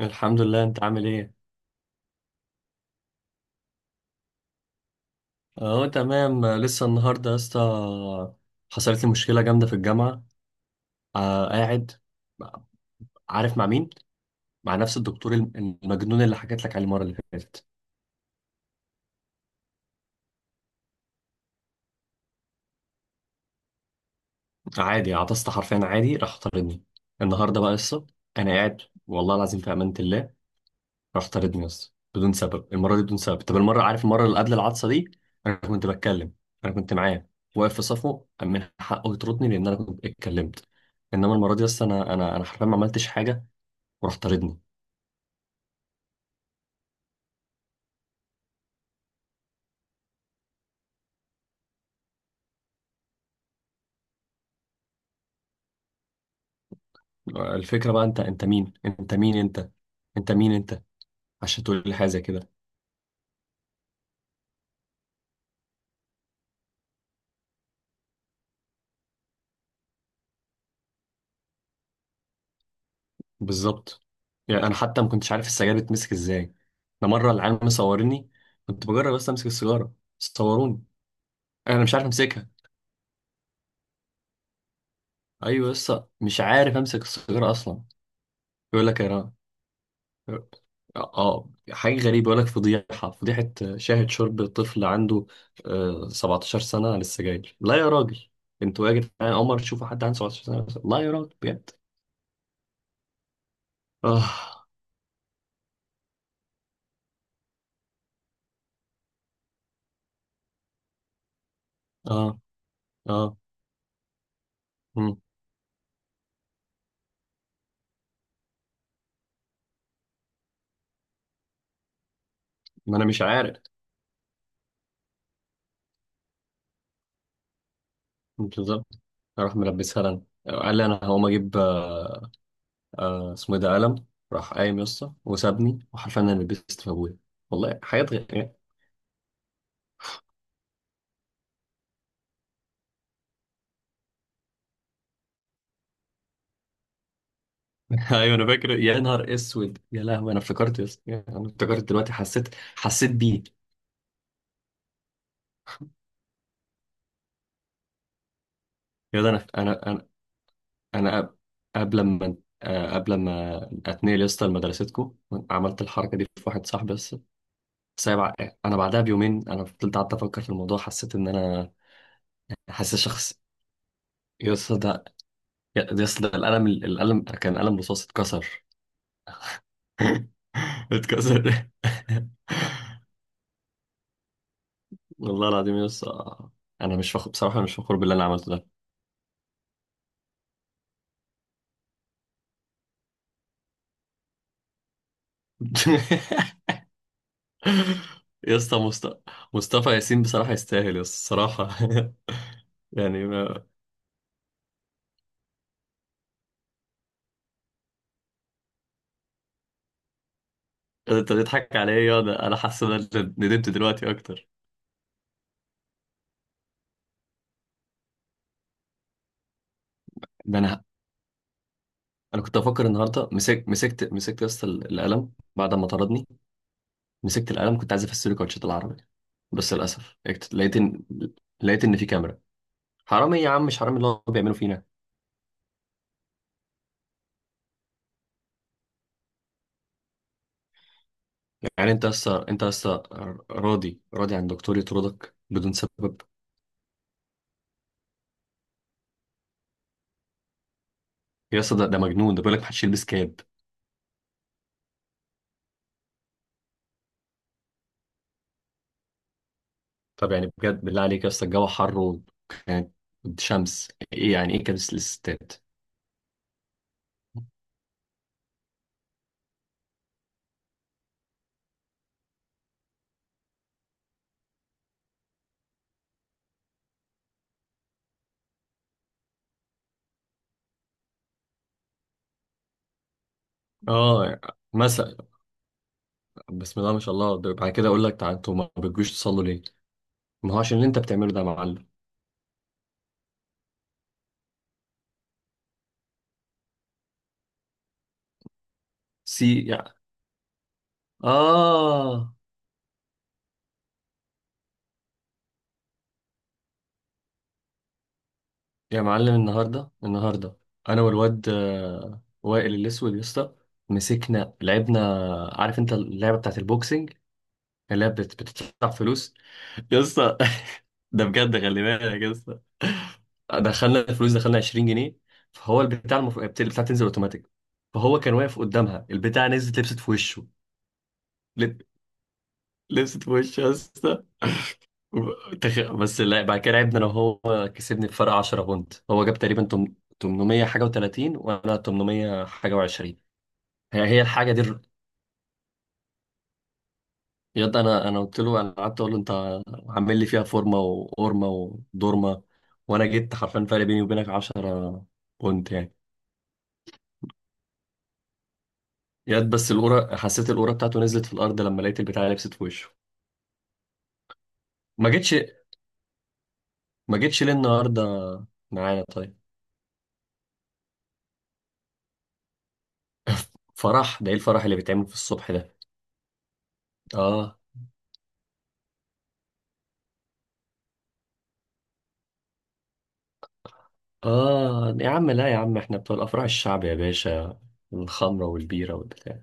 الحمد لله، انت عامل ايه؟ اهو تمام. لسه النهارده يا اسطى، حصلت لي مشكله جامده في الجامعه. آه، قاعد. عارف مع مين؟ مع نفس الدكتور المجنون اللي حكيت لك عليه المره اللي فاتت. عادي، عطست حرفيا عادي، راح طردني. النهارده بقى لسه، انا قاعد، والله العظيم في امانه الله، راح طاردني بس بدون سبب، المره دي بدون سبب. طب المره، عارف المره اللي قبل العطسه دي؟ انا كنت بتكلم، انا كنت معاه، واقف في صفه، من حقه يطردني لان انا كنت اتكلمت. انما المره دي بس انا حرفيا ما عملتش حاجه، وراح طاردني. الفكره بقى، انت مين انت مين انت، انت مين انت، عشان تقول لي حاجه زي كده؟ بالظبط. يعني انا حتى ما كنتش عارف السجاير بتمسك ازاي، ده مره العيال مصوريني، كنت بجرب بس امسك السيجاره، صوروني. انا مش عارف امسكها. ايوه، لسه مش عارف امسك السيجاره اصلا. يقول لك انا، اه حاجه غريبه، يقول لك فضيحه فضيحه، شاهد شرب طفل عنده 17 سنه عن السجاير، لا يا راجل. انتوا يا جدعان عمر تشوفوا حد عنده 17 سنه؟ لا يا راجل بجد. اه، اه، اه. مم. ما انا مش عارف. بالظبط، راح ملبسها لنا. قال لي انا هقوم اجيب اسمه ايه ده، قلم. راح قايم يسطا وسابني، وحرفيا انا لبست في ابويا. والله حاجات. ايوه انا فاكر، يا نهار اسود يا لهوي، انا افتكرت يا اسطى، انا افتكرت دلوقتي، حسيت، حسيت بيه. يا ده انا قبل ما قبل ما اتنقل يا اسطى لمدرستكم، عملت الحركه دي في واحد صاحبي بس، سايب. انا بعدها بيومين، انا فضلت قعدت افكر في الموضوع، حسيت ان انا، حاسس شخص. يا اسطى ده، يا اسطى، ده القلم كان قلم رصاص اتكسر. اتكسر. والله العظيم يا اسطى، انا مش فخور بصراحه، أنا مش فخور باللي انا عملته ده. يا اسطى مصطفى ياسين بصراحة يستاهل يا اسطى الصراحة. يعني ما... انت بتضحك عليا. انا حاسس ان انا ندمت دلوقتي اكتر. ده انا، انا كنت افكر النهارده، مسكت يا اسطى القلم بعد ما طردني. مسكت القلم، كنت عايز افسر كوتشات العربي، بس للاسف لقيت ان، لقيت ان في كاميرا. حرام ايه يا عم؟ مش حرام اللي هو بيعمله فينا؟ يعني انت يا اسطى، راضي راضي عن دكتور يطردك بدون سبب؟ يا اسطى، ده مجنون، ده بيقول لك محدش يلبس كاب. طب يعني بجد، بالله عليك يا اسطى، الجو حر وكانت شمس. ايه يعني ايه كبس الستات؟ اه، مثلا، بسم الله ما شاء الله، ده بعد كده اقول لك تعال، انتوا ما بتجوش تصلوا ليه؟ ما هو عشان اللي انت بتعمله ده يا معلم. سي يعني. اه. يا معلم، النهارده انا والواد وائل الاسود يا اسطى، مسكنا لعبنا. عارف انت اللعبه بتاعت البوكسنج، اللي هي بتدفع فلوس، يا اسطى. ده بجد، خلي بالك يا اسطى، دخلنا الفلوس، دخلنا 20 جنيه. فهو البتاع، البتاع تنزل اوتوماتيك، فهو كان واقف قدامها، البتاع نزلت لبست في وشه. لب... لبست في وشه يا اسطى. بس لا، بعد كده لعبنا انا وهو، كسبني بفرق 10 بونت، هو جاب تقريبا 800 حاجه و30، وانا 800 حاجه و20. هي هي الحاجه دي. يا ده، انا قلت له، انا قعدت اقول له، انت عامل لي فيها فورمه وقورمه ودورمه، وانا جيت حرفيا فرق بيني وبينك 10 بونت يعني. ياد بس القوره، حسيت القوره بتاعته نزلت في الارض لما لقيت البتاع لبست في وشه. ما جيتش، ما جيتش ليه النهارده معانا؟ طيب. فرح؟ ده ايه الفرح اللي بيتعمل في الصبح ده؟ اه. اه يا عم، لا يا عم، احنا بتوع الافراح الشعب يا باشا، الخمره والبيره والبتاع.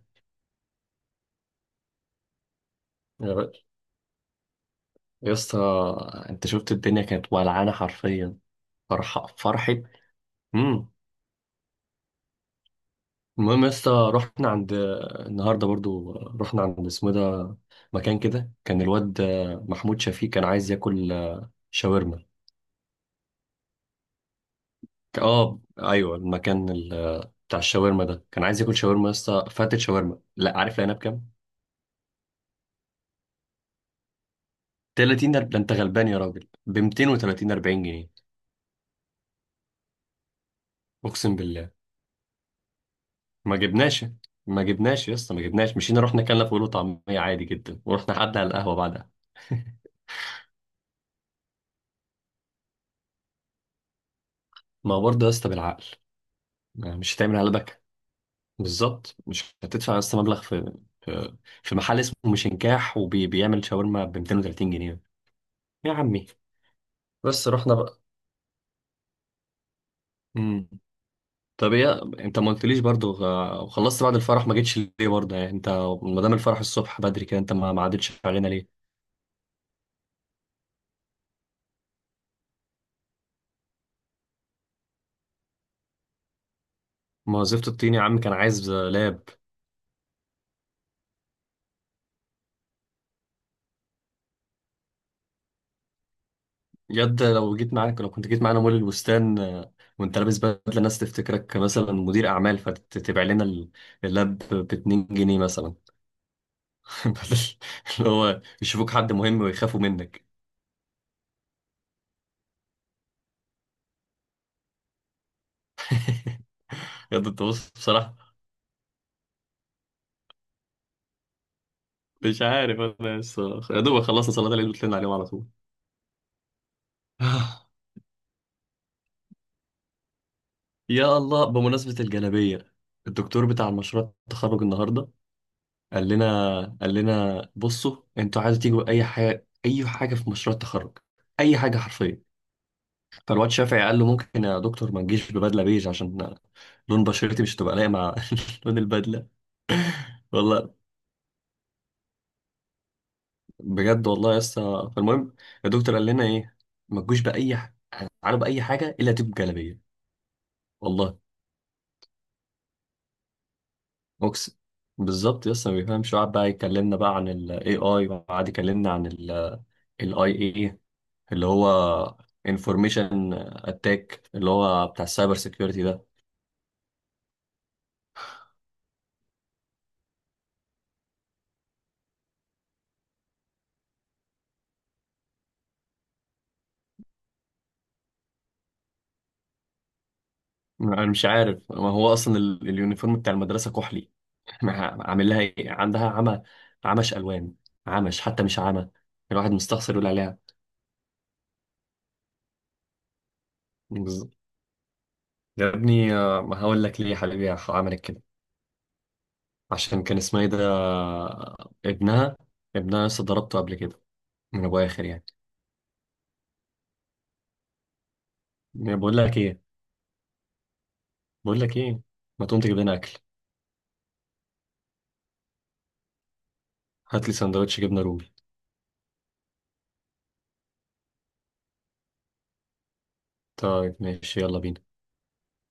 يا را- يا اسطى، انت شفت الدنيا كانت ولعانه حرفيا، فرح فرحه. امم المهم يا اسطى، رحنا عند، النهارده برضو رحنا عند اسمه ده، مكان كده، كان الواد محمود شفيق كان عايز ياكل شاورما. اه ايوه، المكان بتاع الشاورما ده، كان عايز ياكل شاورما يا اسطى. فاتت شاورما، لا عارف لقينا بكام؟ 30؟ ده انت غلبان يا راجل، ب 230 40 جنيه. اقسم بالله. ما جبناش، ما جبناش يا اسطى، ما جبناش، مشينا رحنا اكلنا فول وطعميه عادي جدا، ورحنا قعدنا على القهوه بعدها. ما هو برضه يا اسطى بالعقل، ما مش هتعمل على، بالظبط، مش هتدفع اصلا مبلغ في في محل اسمه مشنكاح وبيعمل شاورما ب 230 جنيه، يا عمي. بس رحنا بقى. امم طب ايه، انت ما قلتليش برضو وخلصت بعد الفرح، ما جيتش ليه برضه، يعني انت، ما دام الفرح الصبح بدري كده، انت ما عدتش علينا ليه؟ ما وظيفة الطين يا عم كان عايز لاب. يد لو جيت معاك، لو كنت جيت معانا مول البستان، وانت لابس بدله، الناس تفتكرك مثلا مدير اعمال، فتبيع لنا اللاب ب 2 جنيه مثلا. بدل اللي هو يشوفوك حد مهم ويخافوا منك. يا ده انت بص بصراحة، مش عارف، انا لسه يا دوب خلصنا صلاة العيد وطلعنا عليهم على طول. يا الله، بمناسبة الجلابية، الدكتور بتاع المشروع التخرج النهاردة، قال لنا بصوا، انتوا عايزوا تيجوا اي حاجة، اي حاجة في مشروع التخرج، اي حاجة حرفيا. فالواد شافعي قال له ممكن يا دكتور ما تجيش ببدلة بيج عشان لون بشرتي مش هتبقى لايقة مع لون البدلة. والله، بجد والله يا اسطى، فالمهم، الدكتور قال لنا ايه؟ ما تجوش باي ح- تعالوا باي حاجه الا تجيب جلابيه. والله، اقسم. بالظبط يا اسطى ما بيفهمش، وقعد بقى يكلمنا بقى عن الاي اي، وقعد يكلمنا عن الاي اي، اللي هو انفورميشن اتاك، اللي هو بتاع السايبر سيكيورتي ده. انا مش عارف، ما هو اصلا اليونيفورم بتاع المدرسه كحلي. عامل لها ايه، عندها عمى؟ عمش الوان، عمش حتى مش عمى، الواحد مستخسر يقول عليها. يا ابني ما هقول لك ليه يا حبيبي عملت كده؟ عشان كان اسمها ايه ده ابنها، ابنها لسه ضربته قبل كده، من ابو اخر يعني. يعني بقول لك ايه، بقول لك ايه، ما تقوم تجيب لنا اكل؟ هات لي سندوتش جبنه رومي. طيب ماشي، يلا بينا.